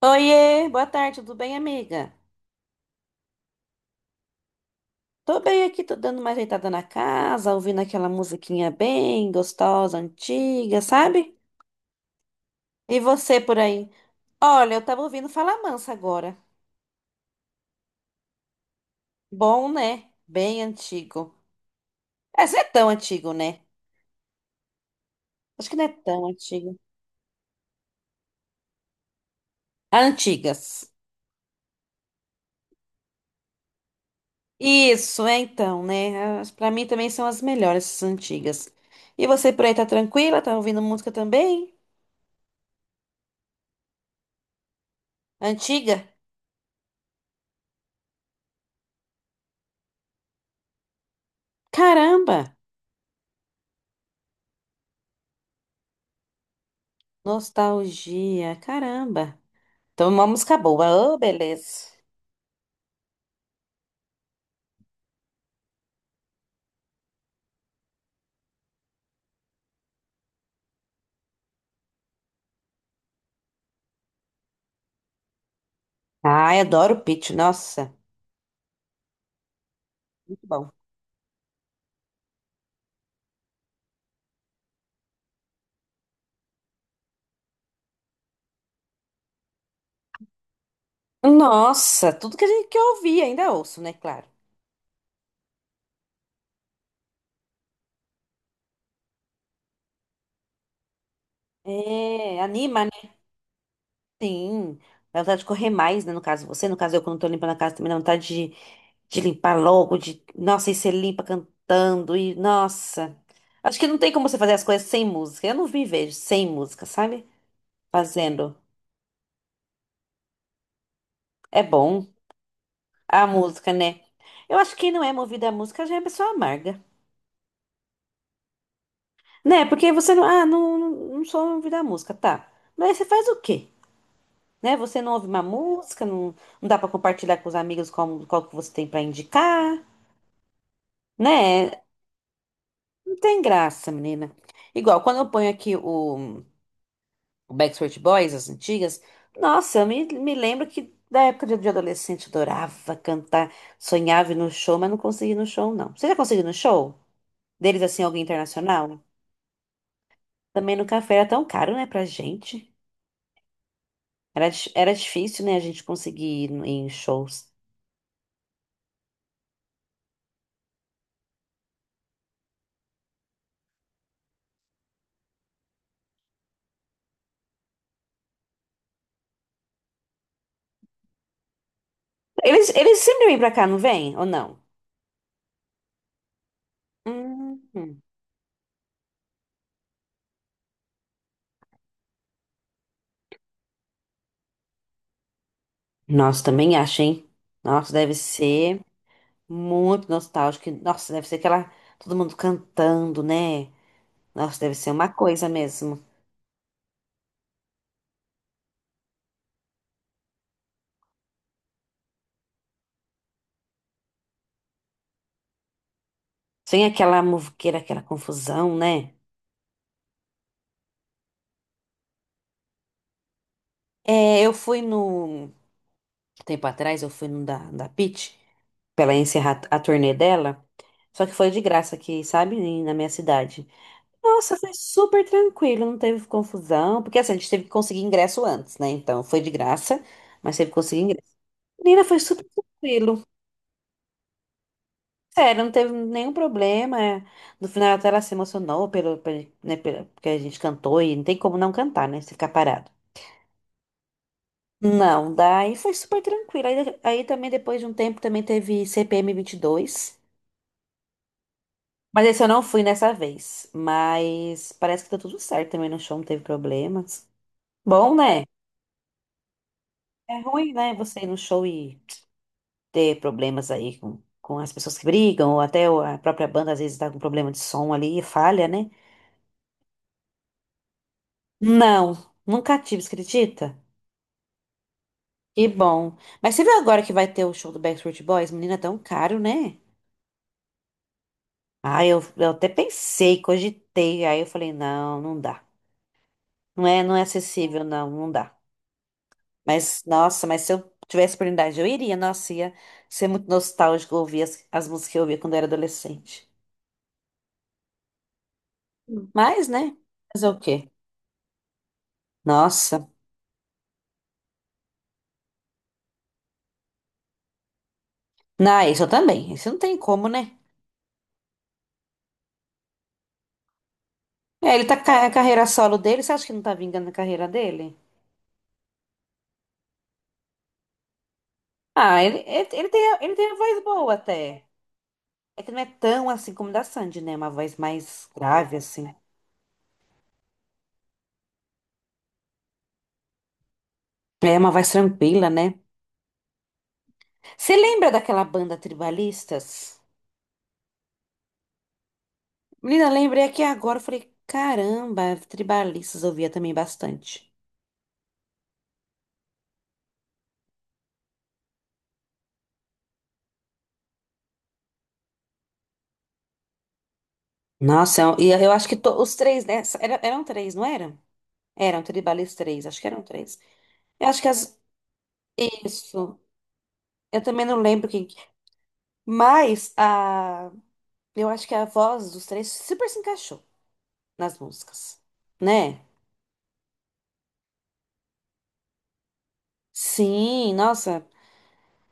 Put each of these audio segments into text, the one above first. Oiê, boa tarde, tudo bem, amiga? Tô bem aqui, tô dando uma ajeitada na casa, ouvindo aquela musiquinha bem gostosa, antiga, sabe? E você por aí? Olha, eu tava ouvindo Fala Mansa agora. Bom, né? Bem antigo. Essa não é tão antigo, né? Acho que não é tão antigo. Antigas. Isso, é então, né? Pra mim também são as melhores, essas antigas. E você por aí tá tranquila? Tá ouvindo música também? Antiga? Caramba! Nostalgia, caramba. Então, uma música boa. Oh, beleza. Ai, adoro o Pitty, nossa. Muito bom. Nossa, tudo que a gente que eu ouvi, ainda ouço, né? Claro. É, anima, né? Sim. Dá vontade de correr mais, né? No caso, eu quando tô limpando a casa também de limpar logo, de. Nossa, e você limpa cantando, e nossa. Acho que não tem como você fazer as coisas sem música. Eu não me vejo sem música, sabe? Fazendo. É bom. A música, né? Eu acho que quem não é movido à música já é pessoa amarga, né? Porque você não, ah, não, não sou movido à música, tá. Mas aí você faz o quê? Né? Você não ouve uma música, não, não dá pra compartilhar com os amigos qual, qual que você tem pra indicar, né? Não tem graça, menina. Igual, quando eu ponho o Backstreet Boys, as antigas, nossa, me lembro que da época de adolescente eu adorava cantar, sonhava ir no show, mas não conseguia ir no show, não. Você já conseguiu ir no show? Deles, assim, alguém internacional? Também no café era tão caro, né, pra gente. Era, era difícil, né, a gente conseguir ir no- em shows. Eles sempre vêm pra cá, não vêm? Ou não? Hum. Nossa, também acho, hein? Nossa, deve ser muito nostálgico. Nossa, deve ser aquela. Todo mundo cantando, né? Nossa, deve ser uma coisa mesmo. Sem aquela muvuqueira, aquela confusão, né? É, eu fui no. um Tempo atrás, eu fui no da, da Pitty, pra ela encerrar a turnê dela. Só que foi de graça aqui, sabe? Na minha cidade. Nossa, foi super tranquilo, não teve confusão. Porque assim, a gente teve que conseguir ingresso antes, né? Então foi de graça, mas teve que conseguir ingresso. Menina, foi super tranquilo. Sério, não teve nenhum problema. É. No final até ela se emocionou pelo, né, porque a gente cantou e não tem como não cantar, né? Se ficar parado. Não, daí foi super tranquilo. Aí também depois de um tempo também teve CPM dois, mas esse eu não fui nessa vez. Mas parece que tá tudo certo também no show, não teve problemas. Bom, né? É ruim, né, você ir no show e ter problemas aí com as pessoas que brigam, ou até a própria banda às vezes tá com problema de som ali e falha, né? Não, nunca tive, você acredita? Que bom. Mas você viu agora que vai ter o show do Backstreet Boys? Menina, é tão caro, né? Ah, eu até pensei, cogitei, aí eu falei, não, não dá. Não é acessível, não, não dá. Mas, nossa, mas se eu tivesse oportunidade, eu iria, nossa, ia ser muito nostálgico ouvir as, as músicas que eu ouvia quando eu era adolescente. Mas, né? Fazer o quê? Nossa. Não, isso eu também. Isso não tem como, né? É, ele tá a carreira solo dele, você acha que não tá vingando a carreira dele? Ah, ele tem uma voz boa até. É que não é tão assim como da Sandy, né? Uma voz mais grave, assim. É uma voz tranquila, né? Você lembra daquela banda Tribalistas? Menina, lembrei aqui agora, eu falei, caramba, Tribalistas eu ouvia também bastante. Nossa, eu, acho que os três, né? Eram três, não era? Eram tribalistas três, acho que eram três. Eu acho que as. Isso. Eu também não lembro quem. Mas a. Eu acho que a voz dos três super se encaixou nas músicas, né? Sim, nossa.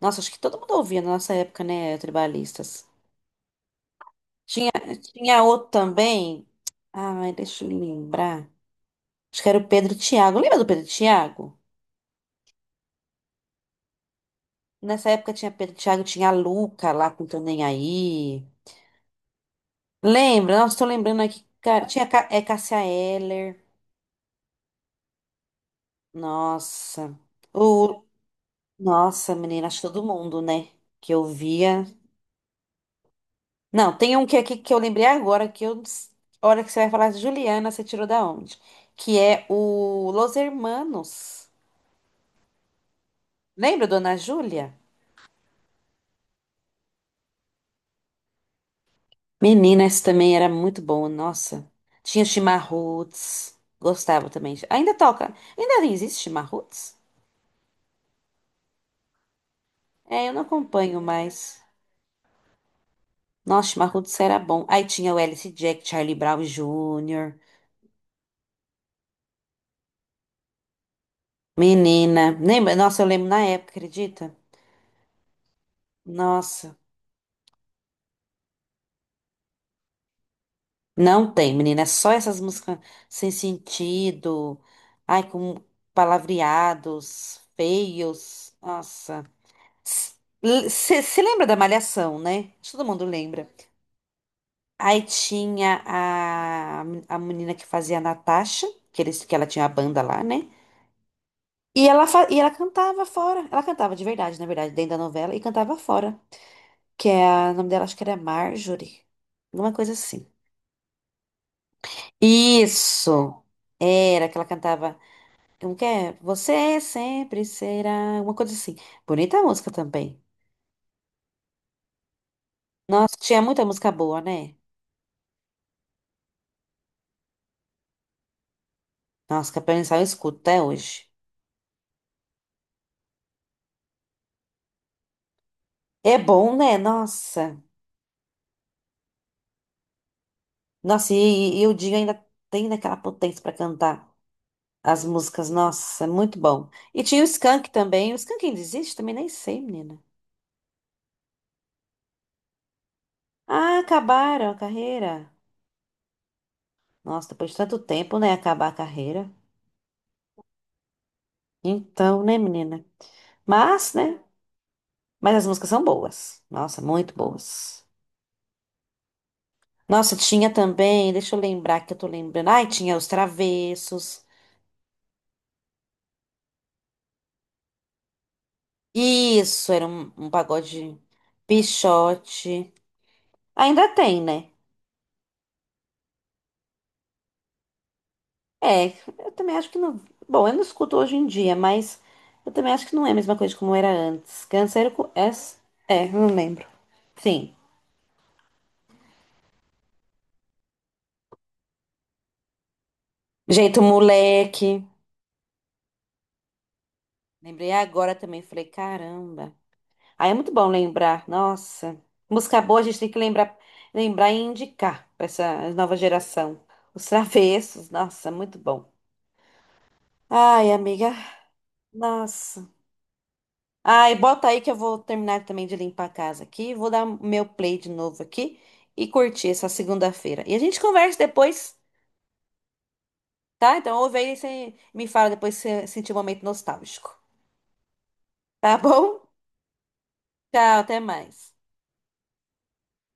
Nossa, acho que todo mundo ouvia na nossa época, né? Tribalistas. Tinha, tinha outro também. Ai, deixa eu lembrar. Acho que era o Pedro e Thiago. Lembra do Pedro e Thiago? Nessa época tinha Pedro e Thiago, tinha a Luca lá com Tô Nem Aí. Lembra? Nossa, tô lembrando aqui. Cara, tinha Cássia Eller. Nossa. O, nossa, menina, acho que todo mundo, né? Que eu via. Não, tem um que aqui que eu lembrei agora, que eu. A hora que você vai falar, de Juliana, você tirou da onde? Que é o Los Hermanos. Lembra, Dona Júlia? Menina, esse também era muito bom, nossa. Tinha Chimarruts. Gostava também. Ainda toca. Ainda existe Chimarruts? É, eu não acompanho mais. Nossa, Marrudos era bom. Aí tinha o Alice Jack, Charlie Brown Jr., menina. Lembra? Nossa, eu lembro na época, acredita? Nossa, não tem, menina. É só essas músicas sem sentido. Ai, com palavreados, feios. Nossa. Você lembra da Malhação, né? Acho que todo mundo lembra. Aí tinha a menina que fazia a Natasha, que ela tinha a banda lá, né? E ela cantava fora. Ela cantava de verdade, na verdade, dentro da novela, e cantava fora. Que é a... o nome dela, acho que era Marjorie. Alguma coisa assim. Isso! Era que ela cantava. Como que é? Você sempre será. Uma coisa assim. Bonita a música também. Nossa, tinha muita música boa, né? Nossa, Capela Inicial eu escuto até hoje. É bom, né? Nossa. Nossa, e o Dinho ainda tem daquela potência pra cantar. As músicas, nossa, é muito bom. E tinha o Skank também. O Skank ainda existe? Também nem sei, menina. Ah, acabaram a carreira. Nossa, depois de tanto tempo, né? Acabar a carreira. Então, né, menina? Mas, né? Mas as músicas são boas. Nossa, muito boas. Nossa, tinha também, deixa eu lembrar que eu tô lembrando. Ai, tinha os Travessos. Isso, era um, um pagode Pixote. Ainda tem, né? É, eu também acho que não. Bom, eu não escuto hoje em dia, mas eu também acho que não é a mesma coisa como era antes. Câncer com S. É, não lembro. Sim. Jeito moleque. Lembrei agora também, falei, caramba. Aí é muito bom lembrar. Nossa. Música boa a gente tem que lembrar, lembrar e indicar para essa nova geração. Os travessos, nossa, muito bom. Ai, amiga, nossa. Ai, bota aí que eu vou terminar também de limpar a casa aqui. Vou dar meu play de novo aqui e curtir essa segunda-feira. E a gente conversa depois, tá? Então ouve aí e você me fala depois se você sentir um momento nostálgico. Tá bom? Tchau, até mais.